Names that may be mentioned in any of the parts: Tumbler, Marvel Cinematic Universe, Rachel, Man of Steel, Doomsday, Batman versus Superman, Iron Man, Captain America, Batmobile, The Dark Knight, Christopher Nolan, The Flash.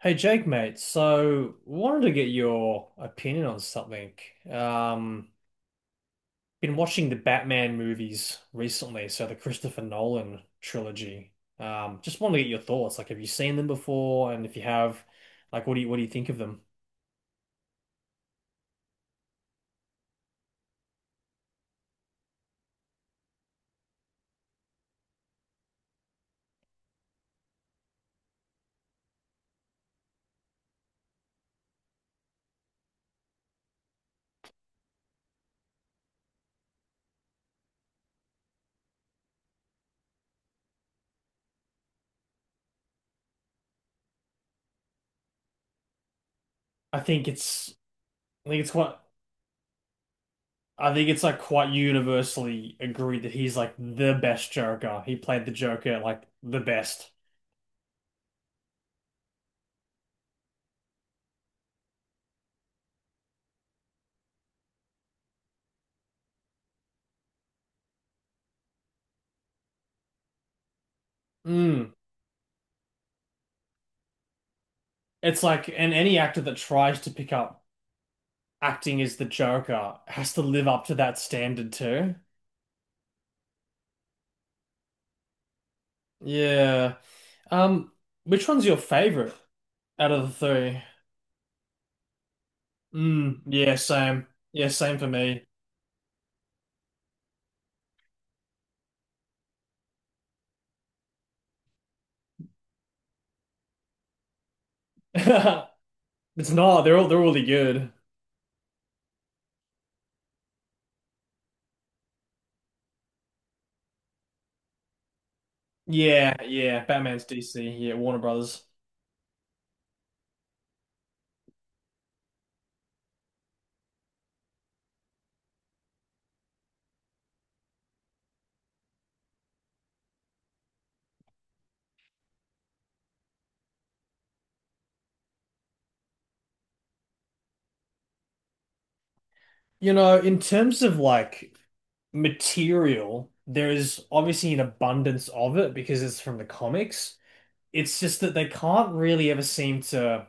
Hey Jake, mate. So wanted to get your opinion on something. Um, been watching the Batman movies recently, so the Christopher Nolan trilogy. Just wanted to get your thoughts. Like, have you seen them before? And if you have, like, what do you think of them? I think it's I think it's quite I think it's like quite universally agreed that he's like the best Joker. He played the Joker like the best. Mm. It's like, and any actor that tries to pick up acting as the Joker has to live up to that standard too. Yeah. Um, which one's your favorite out of the 3? Mm, yeah, same. Yeah, same for me. It's not. They're all they're really good. Yeah, yeah. Batman's DC. Yeah, Warner Brothers. You know, in terms of like material, there is obviously an abundance of it because it's from the comics. It's just that they can't really ever seem to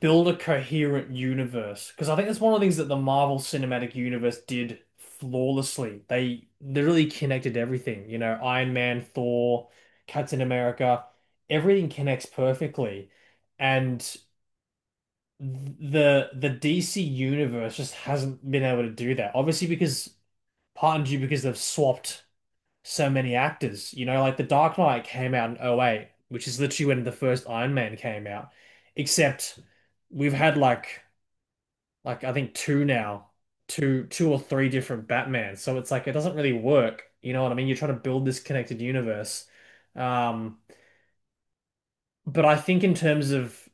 build a coherent universe, because I think that's one of the things that the Marvel Cinematic Universe did flawlessly. They literally connected everything, you know, Iron Man, Thor, Captain America, everything connects perfectly. And the DC universe just hasn't been able to do that. Obviously because part and due because they've swapped so many actors, you know, like The Dark Knight came out in '08, which is literally when the first Iron Man came out. Except we've had like I think two now, two or three different Batmans. So it's like it doesn't really work. You know what I mean? You're trying to build this connected universe. Um, but I think in terms of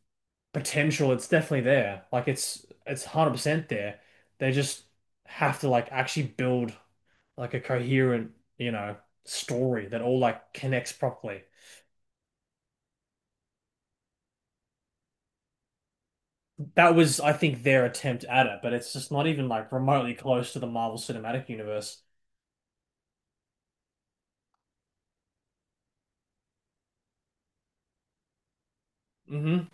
potential, it's definitely there. Like it's 100% there. They just have to like actually build like a coherent, you know, story that all like connects properly. That was, I think, their attempt at it, but it's just not even like remotely close to the Marvel Cinematic Universe. Hmm.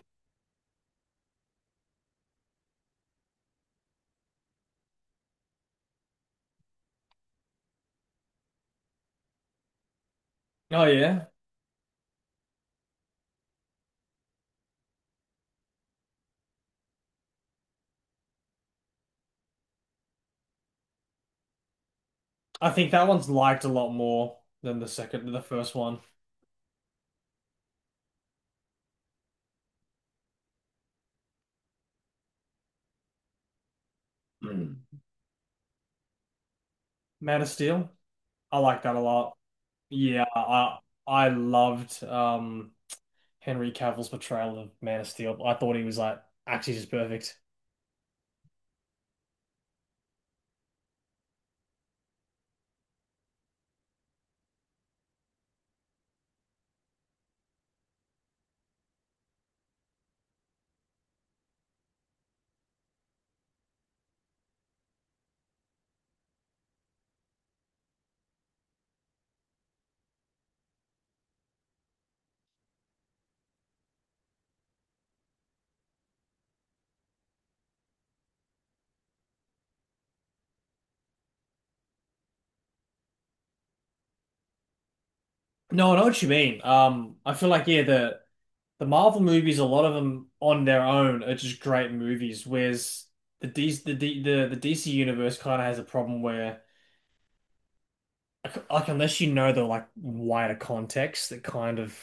Oh yeah. I think that one's liked a lot more than the second, the first one. Mm. Man of Steel, I like that a lot. Yeah, I loved Henry Cavill's portrayal of Man of Steel. I thought he was like actually just perfect. No, I know what you mean. I feel like yeah, the Marvel movies, a lot of them on their own are just great movies, whereas the DC universe kind of has a problem where like unless you know the like wider context that kind of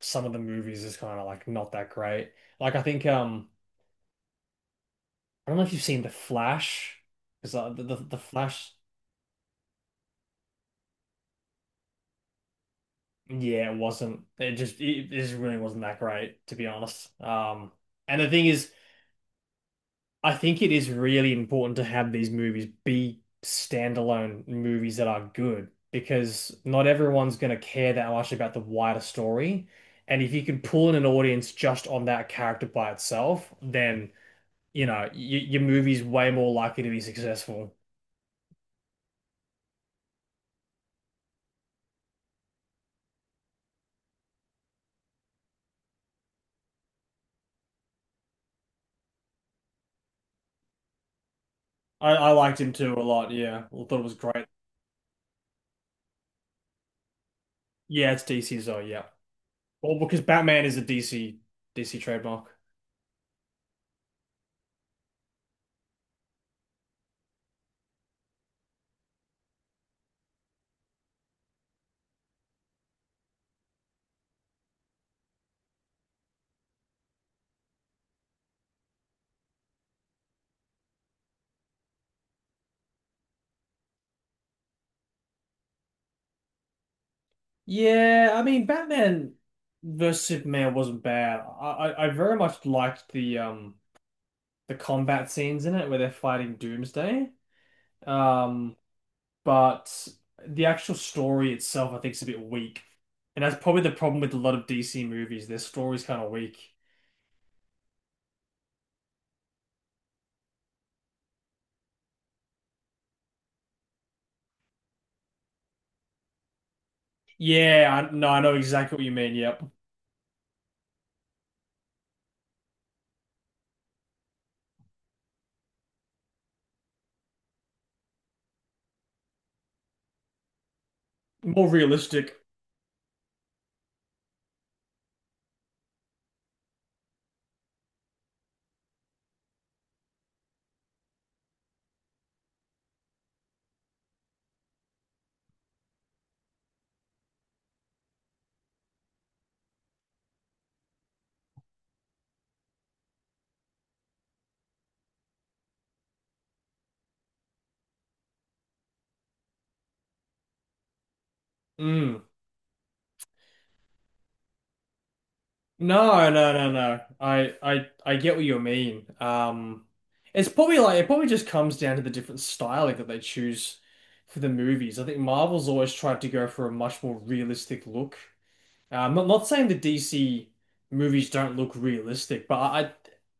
some of the movies is kind of like not that great. Like I think I don't know if you've seen The Flash because the Flash, yeah, it wasn't, it just really wasn't that great, to be honest. And the thing is I think it is really important to have these movies be standalone movies that are good, because not everyone's going to care that much about the wider story. And if you can pull in an audience just on that character by itself, then, you know, y your movie's way more likely to be successful. I liked him too a lot. Yeah. I thought it was great. Yeah, it's DC's though. Yeah. Well, because Batman is a DC trademark. Yeah, I mean Batman versus Superman wasn't bad. I very much liked the combat scenes in it where they're fighting Doomsday. Um, but the actual story itself I think is a bit weak. And that's probably the problem with a lot of DC movies. Their story's kind of weak. Yeah, no, I know exactly what you mean. Yep. More realistic. Mm. No, no, no, no. I get what you mean. It's probably like it probably just comes down to the different styling that they choose for the movies. I think Marvel's always tried to go for a much more realistic look. I'm not saying the DC movies don't look realistic, but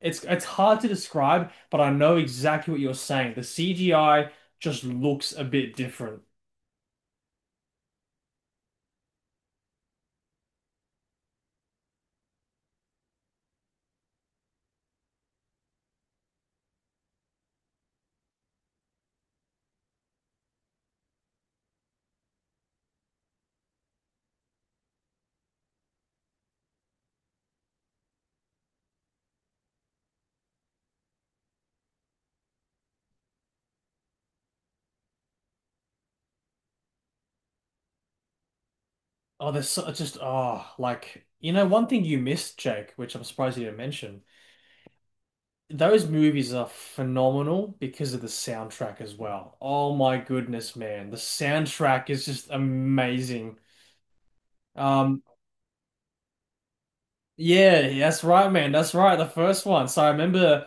it's hard to describe. But I know exactly what you're saying. The CGI just looks a bit different. Oh, there's so, just oh, like you know, one thing you missed, Jake, which I'm surprised you didn't mention. Those movies are phenomenal because of the soundtrack as well. Oh my goodness, man. The soundtrack is just amazing. Um, yeah, that's right, man. That's right. The first one. So I remember.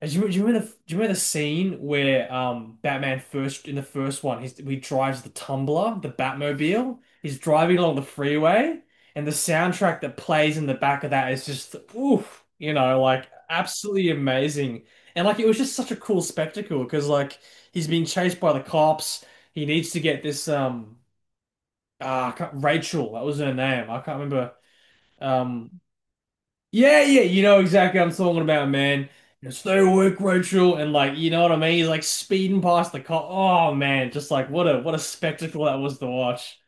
And do you remember the do you remember the scene where Batman first in the first one he drives the Tumbler, the Batmobile. He's driving along the freeway, and the soundtrack that plays in the back of that is just oof, you know, like absolutely amazing. And like it was just such a cool spectacle because like he's being chased by the cops. He needs to get this ah Rachel, that was her name. I can't remember, um yeah, yeah, you know exactly what I'm talking about, man. You know, stay awake, Rachel, and like, you know what I mean? He's like speeding past the car. Oh man, just like what a spectacle that was to watch.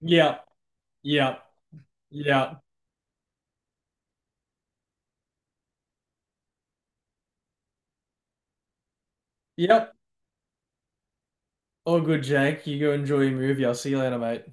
Yeah, yeah, yeah, yep. All good, Jake. You go enjoy your movie. I'll see you later, mate.